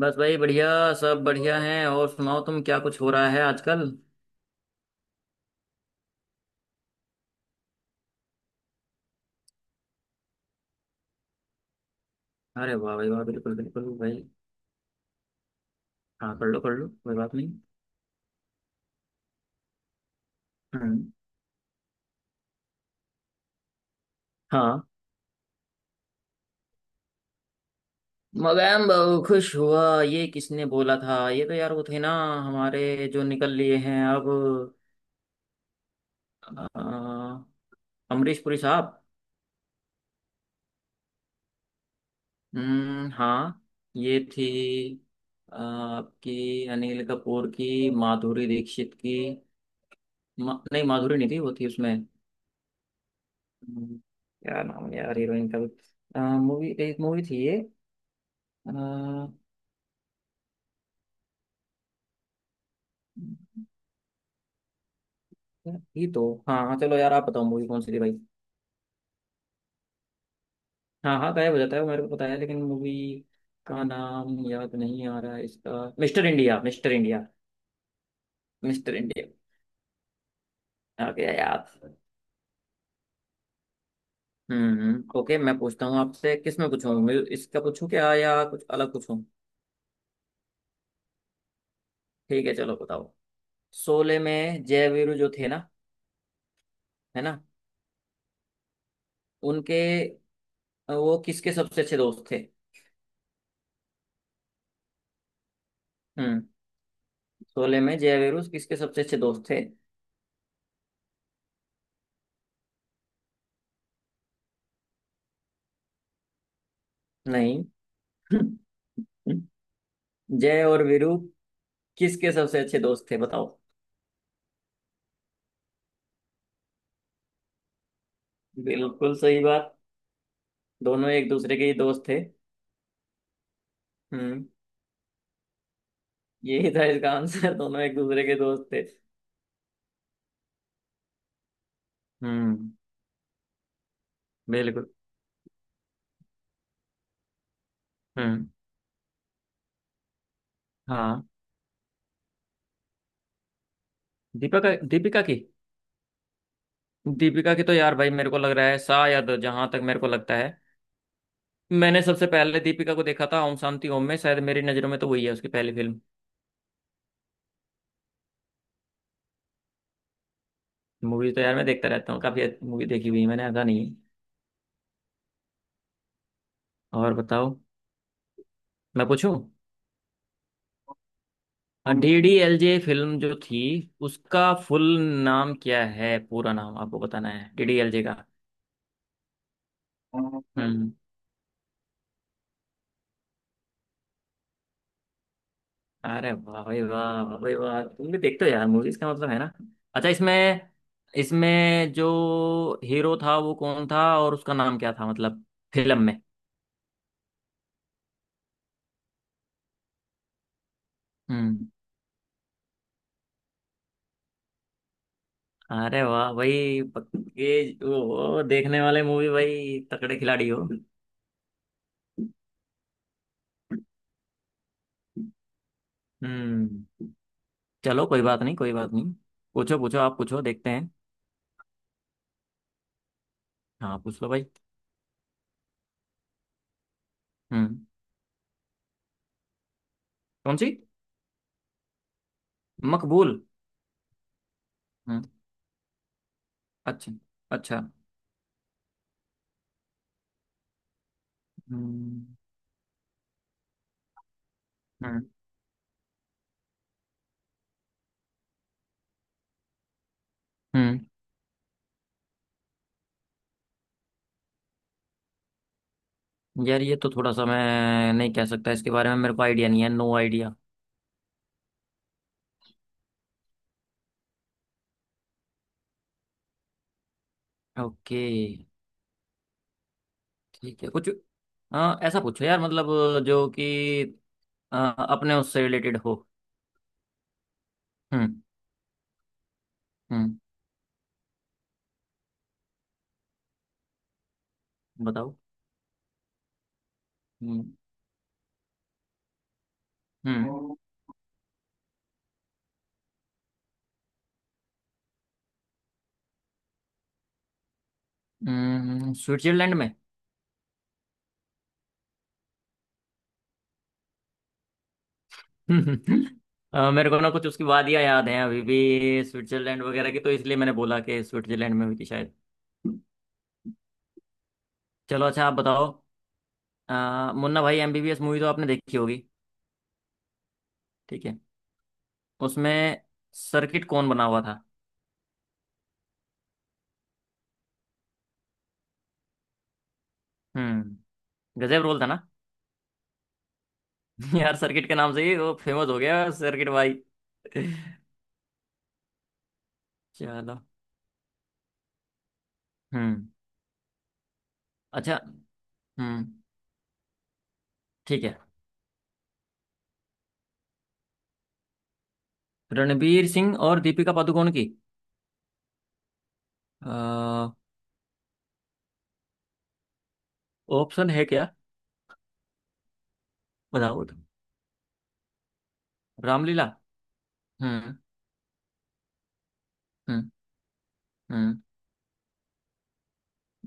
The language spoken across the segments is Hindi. बस भाई बढ़िया। सब बढ़िया हैं। और सुनाओ तुम, क्या कुछ हो रहा है आजकल? अरे वाह भाई वाह, बिल्कुल बिल्कुल भाई। हाँ, कर लो कर लो, कोई बात नहीं। हम्म। हाँ। मगैम बहु खुश हुआ, ये किसने बोला था? ये तो यार वो थे ना, हमारे, जो निकल लिए हैं अब। अ, अमरीश पुरी साहब। हम्म। हाँ, ये थी आपकी, अनिल कपूर की, माधुरी दीक्षित की। नहीं, माधुरी नहीं थी, वो थी उसमें। हम्म, क्या नाम है यार हीरोइन का भी, मूवी, एक मूवी थी ये, अ, ये तो। हाँ हाँ, चलो यार, आप बताओ मूवी कौन सी थी भाई। हाँ हाँ, गायब हो जाता है वो, मेरे को पता है, लेकिन मूवी का नाम याद नहीं आ रहा है इसका। Mister India, mister India. Mister India, आ गया याद। हम्म। ओके, मैं पूछता हूँ आपसे, किस में पूछूँ, इसका पूछूं क्या या कुछ अलग पूछूं? ठीक है, चलो बताओ। शोले में जय वीरू जो थे ना, है ना? उनके, वो किसके सबसे अच्छे दोस्त थे? हम्म, शोले में जय वीरू किसके सबसे अच्छे दोस्त थे? नहीं। जय और वीरू किसके सबसे अच्छे दोस्त थे, बताओ। बिल्कुल सही बात। दोनों एक दूसरे के ही दोस्त थे। हम्म। यही था इसका आंसर। दोनों एक दूसरे के दोस्त थे। हम्म। बिल्कुल। हम्म। हाँ, दीपिका, दीपिका की। दीपिका की तो यार भाई, मेरे को लग रहा है शायद, जहां तक मेरे को लगता है, मैंने सबसे पहले दीपिका को देखा था ओम शांति ओम में, शायद मेरी नजरों में तो वही है उसकी पहली फिल्म। मूवी तो यार मैं देखता रहता हूँ, काफी मूवी देखी हुई है मैंने, ऐसा नहीं है। और बताओ। मैं पूछूं? DDLJ फिल्म जो थी, उसका फुल नाम क्या है? पूरा नाम आपको बताना है DDLJ का। हम्म, हम्म अरे वाह भाई वाह, वाह भाई वाह, तुम भी देखते हो यार मूवीज, का मतलब है ना? अच्छा, इसमें इसमें जो हीरो था वो कौन था, और उसका नाम क्या था, मतलब फिल्म में। हम्म। अरे वाह भाई पक्के। वो देखने वाले मूवी भाई, तगड़े खिलाड़ी हो। हम्म। चलो, कोई बात नहीं, कोई बात नहीं। पूछो पूछो, आप पूछो, देखते हैं। हाँ, पूछ लो भाई। हम्म। कौन सी? मकबूल। हम्म। अच्छा, अच्छा। हम्म। हम्म। हम्म। यार ये तो थोड़ा सा मैं नहीं कह सकता, इसके बारे में मेरे को आइडिया नहीं है, नो आइडिया। ओके। ठीक है कुछ, हाँ ऐसा पूछो यार, मतलब जो कि अ, अपने उससे रिलेटेड हो। हम्म। हम्म। बताओ। हम्म। हम्म। स्विट्जरलैंड में। हम्म। मेरे को ना कुछ उसकी वादियाँ याद हैं अभी भी, स्विट्जरलैंड वगैरह की, तो इसलिए मैंने बोला कि स्विट्जरलैंड में हुई थी शायद। चलो, अच्छा आप बताओ। मुन्ना भाई MBBS मूवी तो आपने देखी होगी। ठीक है। उसमें सर्किट कौन बना हुआ था? हम्म। गजब रोल था ना। यार सर्किट के नाम से ही वो फेमस हो गया, सर्किट भाई। चलो। हम्म। अच्छा। हम्म। ठीक है, रणबीर सिंह और दीपिका पादुकोण की। ऑप्शन है क्या? बताओ तो। रामलीला। हम्म। हम्म। हम्म।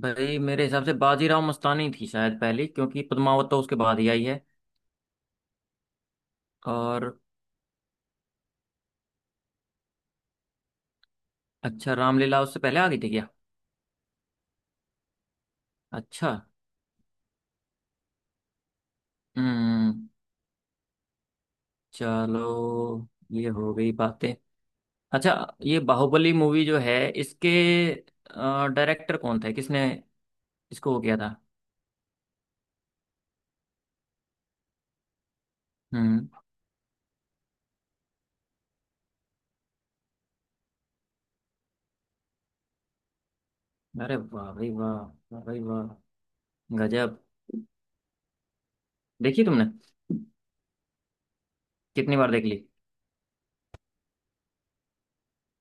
भाई मेरे हिसाब से बाजीराव मस्तानी थी शायद पहले, क्योंकि पद्मावत तो उसके बाद ही आई है। और? अच्छा, रामलीला उससे पहले आ गई थी क्या? अच्छा। हम्म। चलो, ये हो गई बातें। अच्छा, ये बाहुबली मूवी जो है, इसके डायरेक्टर कौन थे, किसने इसको वो किया था? हम्म। अरे वाह भाई वाह, वाह भाई वाह। गजब। देखी तुमने? कितनी बार देख ली?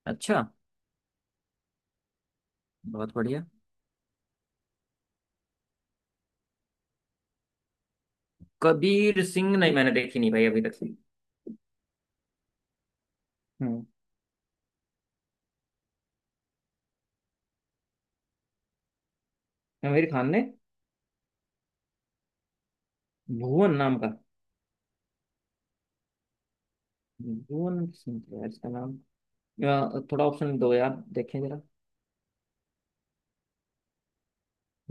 अच्छा। बहुत बढ़िया। कबीर सिंह नहीं, मैंने देखी नहीं भाई अभी तक। हम्म। आमिर खान ने भुवन नाम का। भुवन सिंह है यार इसका नाम। या, थोड़ा ऑप्शन दो यार, देखें जरा।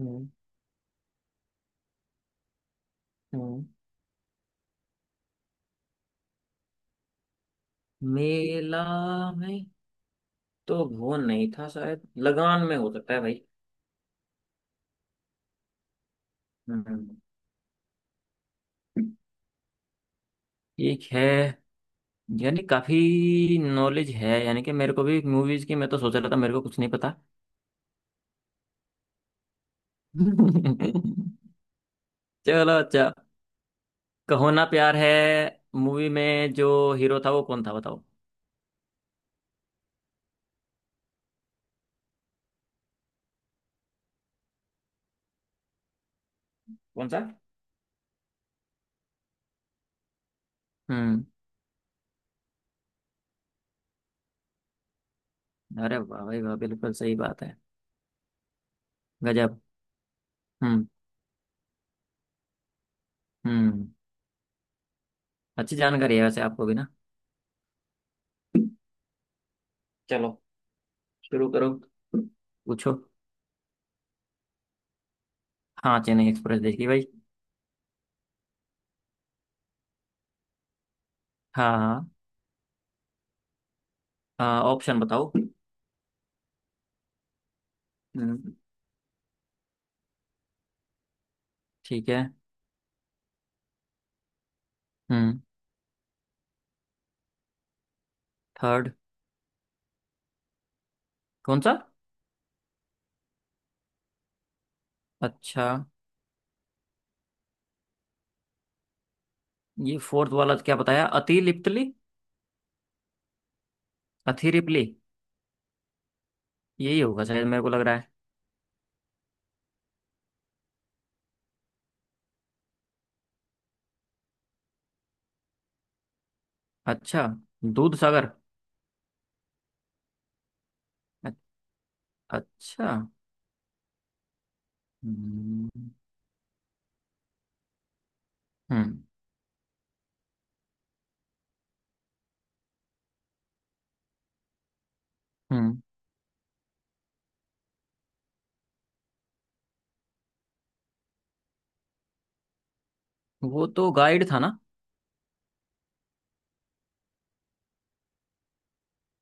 हम्म, हम्म। मेला में तो भुवन नहीं था शायद, लगान में हो सकता है भाई। हम्म। एक है, यानी काफी नॉलेज है, यानी कि मेरे को भी मूवीज की, मैं तो सोच रहा था मेरे को कुछ नहीं पता। चलो, अच्छा। कहो ना प्यार है मूवी में जो हीरो था वो कौन था, बताओ। कौन सा? हम्म। अरे वाह भाई वाह, बिल्कुल सही बात है। गजब। हम्म। हम्म। अच्छी जानकारी है वैसे आपको भी ना। चलो, शुरू करो, पूछो। हाँ, चेन्नई एक्सप्रेस देखी भाई। हाँ हाँ। हाँ, ऑप्शन बताओ। हम्म। ठीक है। हम्म। थर्ड। कौन सा? अच्छा, ये फोर्थ वाला क्या बताया, अतिलिप्तली? अथिरिप्ली। यही होगा शायद, मेरे को लग रहा है। अच्छा। दूध सागर। अ- अच्छा। हम्म। हम्म। हम्म, वो तो गाइड था ना?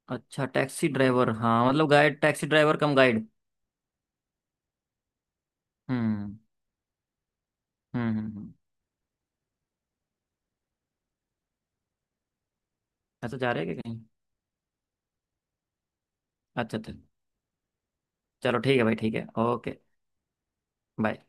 अच्छा, टैक्सी ड्राइवर, हाँ मतलब guide, taxi driver cum guide. हम्म। हम्म। अच्छा, जा रहे हैं क्या कहीं? अच्छा, अच्छा। चलो ठीक है भाई, ठीक है, ओके। बाय।